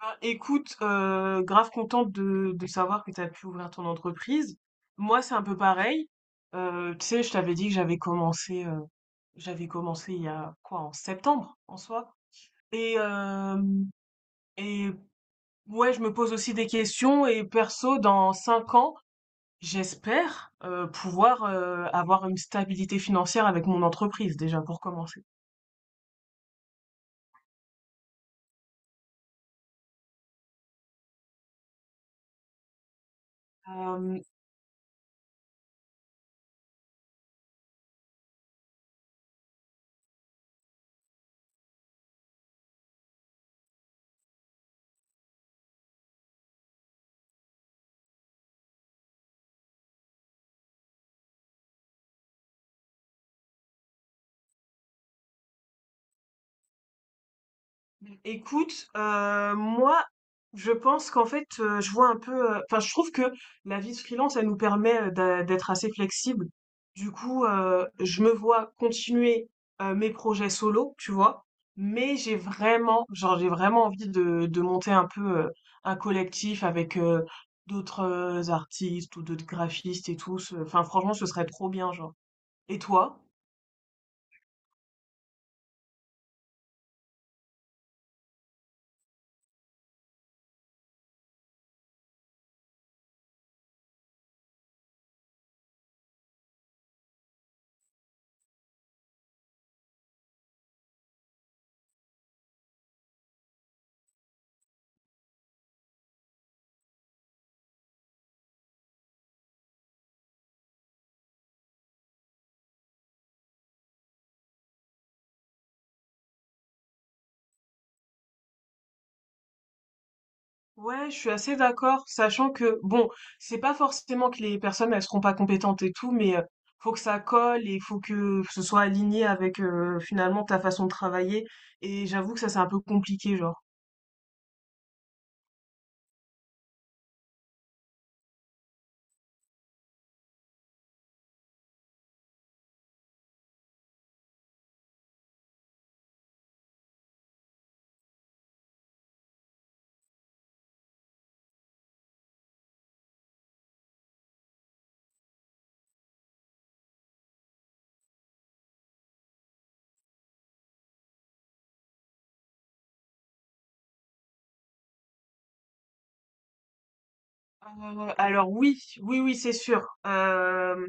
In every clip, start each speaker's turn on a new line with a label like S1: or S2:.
S1: Bah, écoute, grave contente de savoir que tu as pu ouvrir ton entreprise. Moi, c'est un peu pareil. Tu sais, je t'avais dit que j'avais commencé il y a quoi, en septembre en soi. Et, euh, et ouais, je me pose aussi des questions. Et perso, dans cinq ans, j'espère pouvoir avoir une stabilité financière avec mon entreprise déjà pour commencer. Euh, Écoute, moi, je pense qu'en fait, je vois un peu. Enfin, je trouve que la vie de freelance, elle nous permet d'être assez flexible. Du coup, je me vois continuer mes projets solo, tu vois. Mais j'ai vraiment envie de monter un peu euh, un collectif avec d'autres artistes ou d'autres graphistes et tout. Enfin, franchement, ce serait trop bien, genre. Et toi? Ouais, je suis assez d'accord, sachant que bon, c'est pas forcément que les personnes elles seront pas compétentes et tout, mais faut que ça colle et faut que ce soit aligné avec finalement ta façon de travailler. Et j'avoue que ça c'est un peu compliqué, genre. Alors oui, oui, oui, c'est sûr. Euh,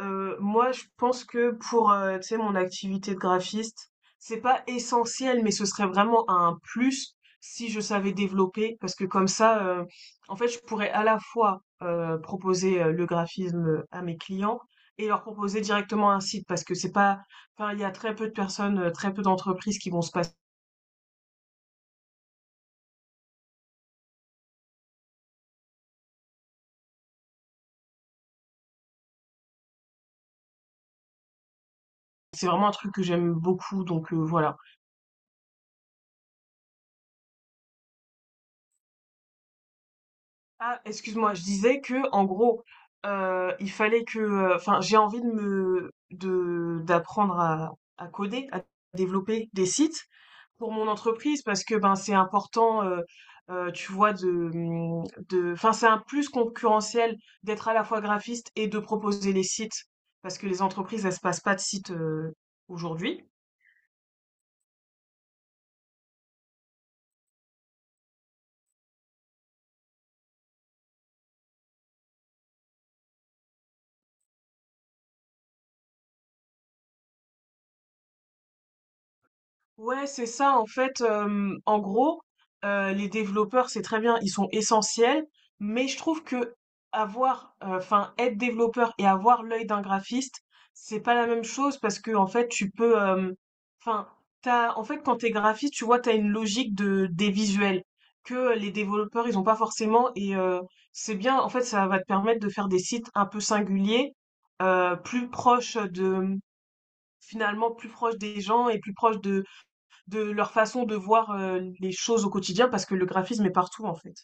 S1: Heu, Moi, je pense que pour, tu sais, mon activité de graphiste, c'est pas essentiel, mais ce serait vraiment un plus si je savais développer parce que comme ça, en fait, je pourrais à la fois, proposer, le graphisme, à mes clients et leur proposer directement un site parce que c'est pas enfin, il y a très peu de personnes, très peu d'entreprises qui vont se passer, c'est vraiment un truc que j'aime beaucoup donc voilà. Ah, excuse-moi, je disais que en gros, enfin, j'ai envie de d'apprendre à coder, à développer des sites pour mon entreprise parce que ben c'est important, tu vois, enfin, c'est un plus concurrentiel d'être à la fois graphiste et de proposer les sites parce que les entreprises elles se passent pas de sites aujourd'hui. Ouais, c'est ça. En fait, en gros, les développeurs, c'est très bien, ils sont essentiels, mais je trouve que enfin, être développeur et avoir l'œil d'un graphiste, c'est pas la même chose parce que en fait, enfin, en fait, quand t'es graphiste, tu vois, t'as une logique de des visuels que les développeurs, ils ont pas forcément et c'est bien. En fait, ça va te permettre de faire des sites un peu singuliers, plus proches finalement, plus proches des gens et plus proches de leur façon de voir les choses au quotidien parce que le graphisme est partout en fait.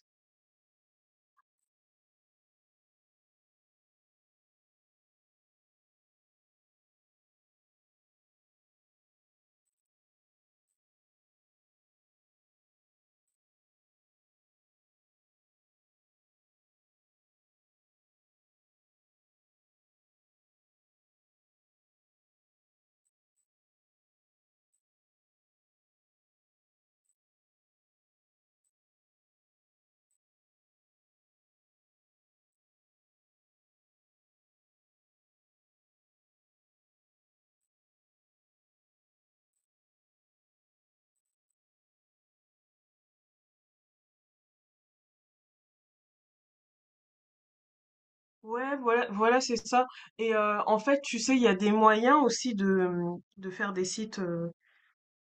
S1: Ouais, voilà, voilà, c'est ça. Et en fait, tu sais, il y a des moyens aussi de faire des sites.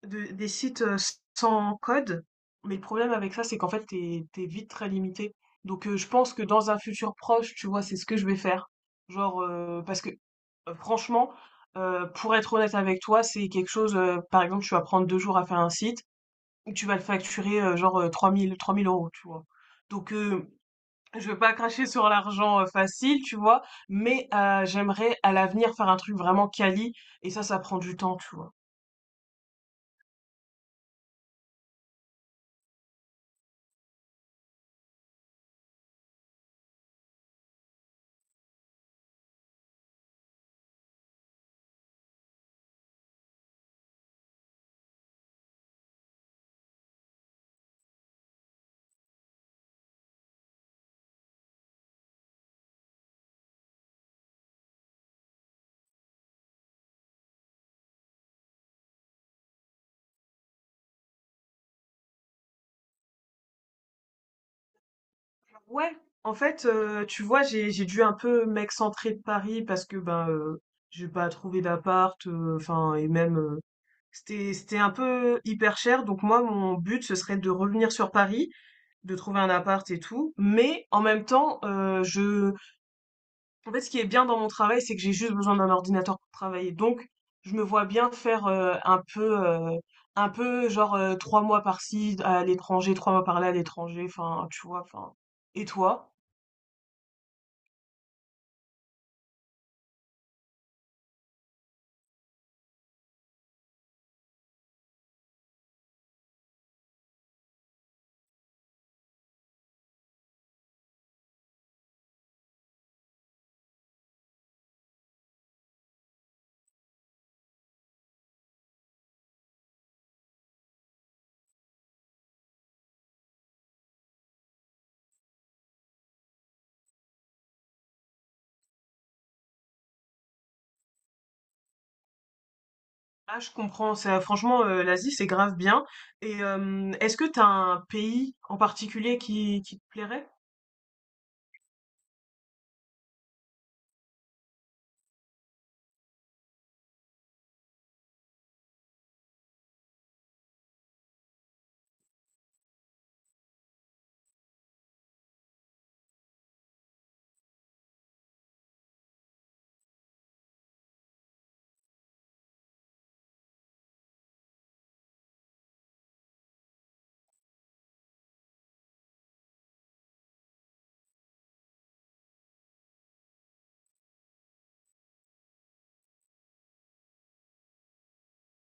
S1: De des sites, sans code, mais le problème avec ça, c'est qu'en fait, t'es es vite très limité. Donc je pense que dans un futur proche, tu vois, c'est ce que je vais faire. Genre, parce que, franchement, pour être honnête avec toi, c'est quelque chose, par exemple, tu vas prendre 2 jours à faire un site, ou tu vas le facturer, genre, trois mille euros tu vois? Donc je veux pas cracher sur l'argent, facile, tu vois? Mais j'aimerais à l'avenir faire un truc vraiment quali et ça prend du temps, tu vois? Ouais, en fait, tu vois, j'ai dû un peu m'excentrer de Paris parce que ben j'ai pas trouvé d'appart, enfin et même c'était un peu hyper cher. Donc moi, mon but ce serait de revenir sur Paris, de trouver un appart et tout. Mais en même temps, je en fait, ce qui est bien dans mon travail, c'est que j'ai juste besoin d'un ordinateur pour travailler. Donc je me vois bien faire un peu genre trois mois par-ci à l'étranger, trois mois par-là à l'étranger. Enfin, tu vois. Enfin, et toi? Ah, je comprends. Ça, franchement, l'Asie, c'est grave bien. Et est-ce que t'as un pays en particulier qui te plairait?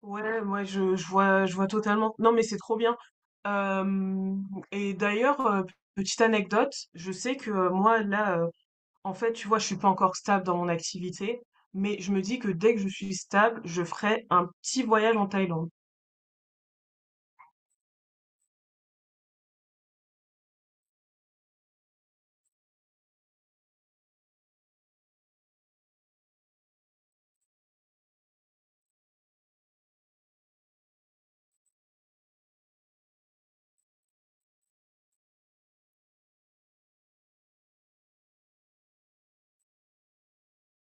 S1: Ouais, ouais, je vois totalement. Non, mais c'est trop bien. Euh, et d'ailleurs, petite anecdote, je sais que moi, là, en fait, tu vois, je suis pas encore stable dans mon activité, mais je me dis que dès que je suis stable, je ferai un petit voyage en Thaïlande.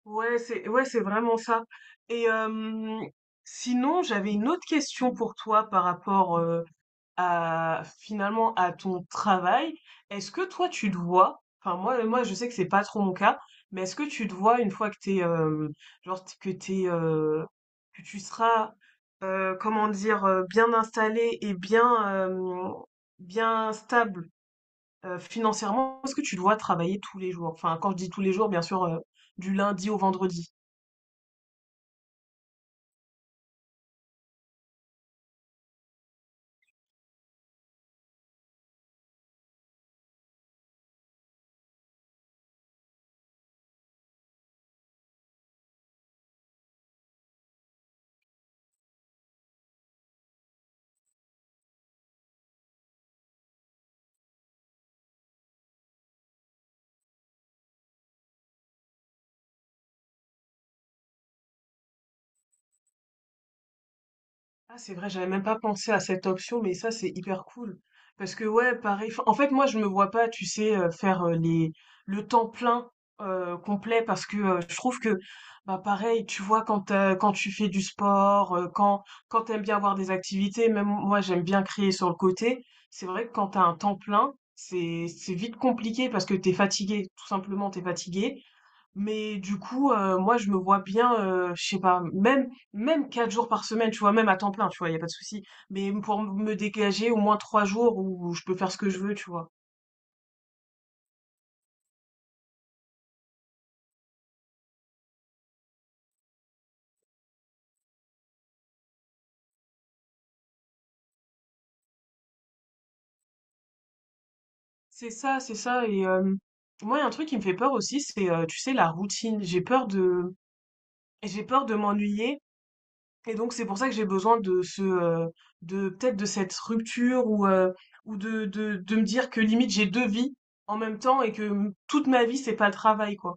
S1: Ouais, ouais, c'est vraiment ça. Et sinon, j'avais une autre question pour toi par rapport à finalement à ton travail. Est-ce que toi tu te vois, enfin moi je sais que c'est pas trop mon cas, mais est-ce que tu te vois une fois que t'es que t'es que tu seras comment dire bien installé et bien stable financièrement, est-ce que tu te vois travailler tous les jours? Enfin quand je dis tous les jours, bien sûr du lundi au vendredi. Ah, c'est vrai, j'avais même pas pensé à cette option, mais ça, c'est hyper cool. Parce que, ouais, pareil. 'Fin, en fait, moi, je me vois pas, tu sais, faire le temps plein complet parce que je trouve que, bah, pareil, tu vois, quand tu fais du sport, quand t'aimes bien avoir des activités, même moi, j'aime bien créer sur le côté. C'est vrai que quand t'as un temps plein, c'est vite compliqué parce que t'es fatigué, tout simplement, t'es fatigué. Mais du coup, moi je me vois bien, je sais pas, même 4 jours par semaine, tu vois? Même à temps plein, tu vois? Y a pas de souci. Mais pour me dégager au moins 3 jours où je peux faire ce que je veux, tu vois? C'est ça et moi il y a un truc qui me fait peur aussi, c'est, tu sais, la routine. J'ai peur de m'ennuyer et donc c'est pour ça que j'ai besoin de ce, de peut-être de cette rupture ou de me dire que limite j'ai 2 vies en même temps et que, toute ma vie c'est pas le travail, quoi.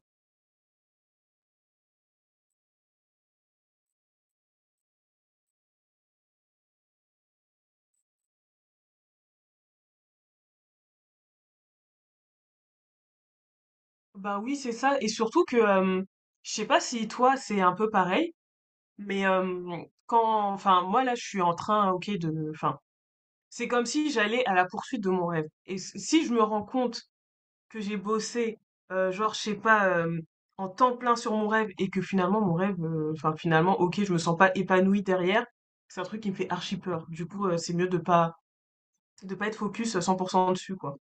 S1: Bah oui, c'est ça. Et surtout que, je sais pas si toi c'est un peu pareil, mais quand, enfin moi là je suis en train, ok, enfin c'est comme si j'allais à la poursuite de mon rêve. Et si je me rends compte que j'ai bossé, genre je sais pas, en temps plein sur mon rêve et que finalement mon rêve, enfin finalement ok, je me sens pas épanouie derrière, c'est un truc qui me fait archi peur. Du coup, c'est mieux de pas être focus à 100% dessus quoi.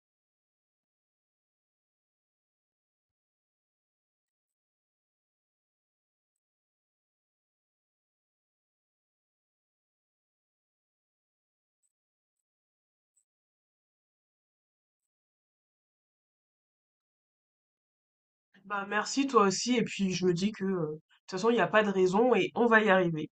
S1: Bah merci toi aussi et puis je me dis que de toute façon il n'y a pas de raison et on va y arriver.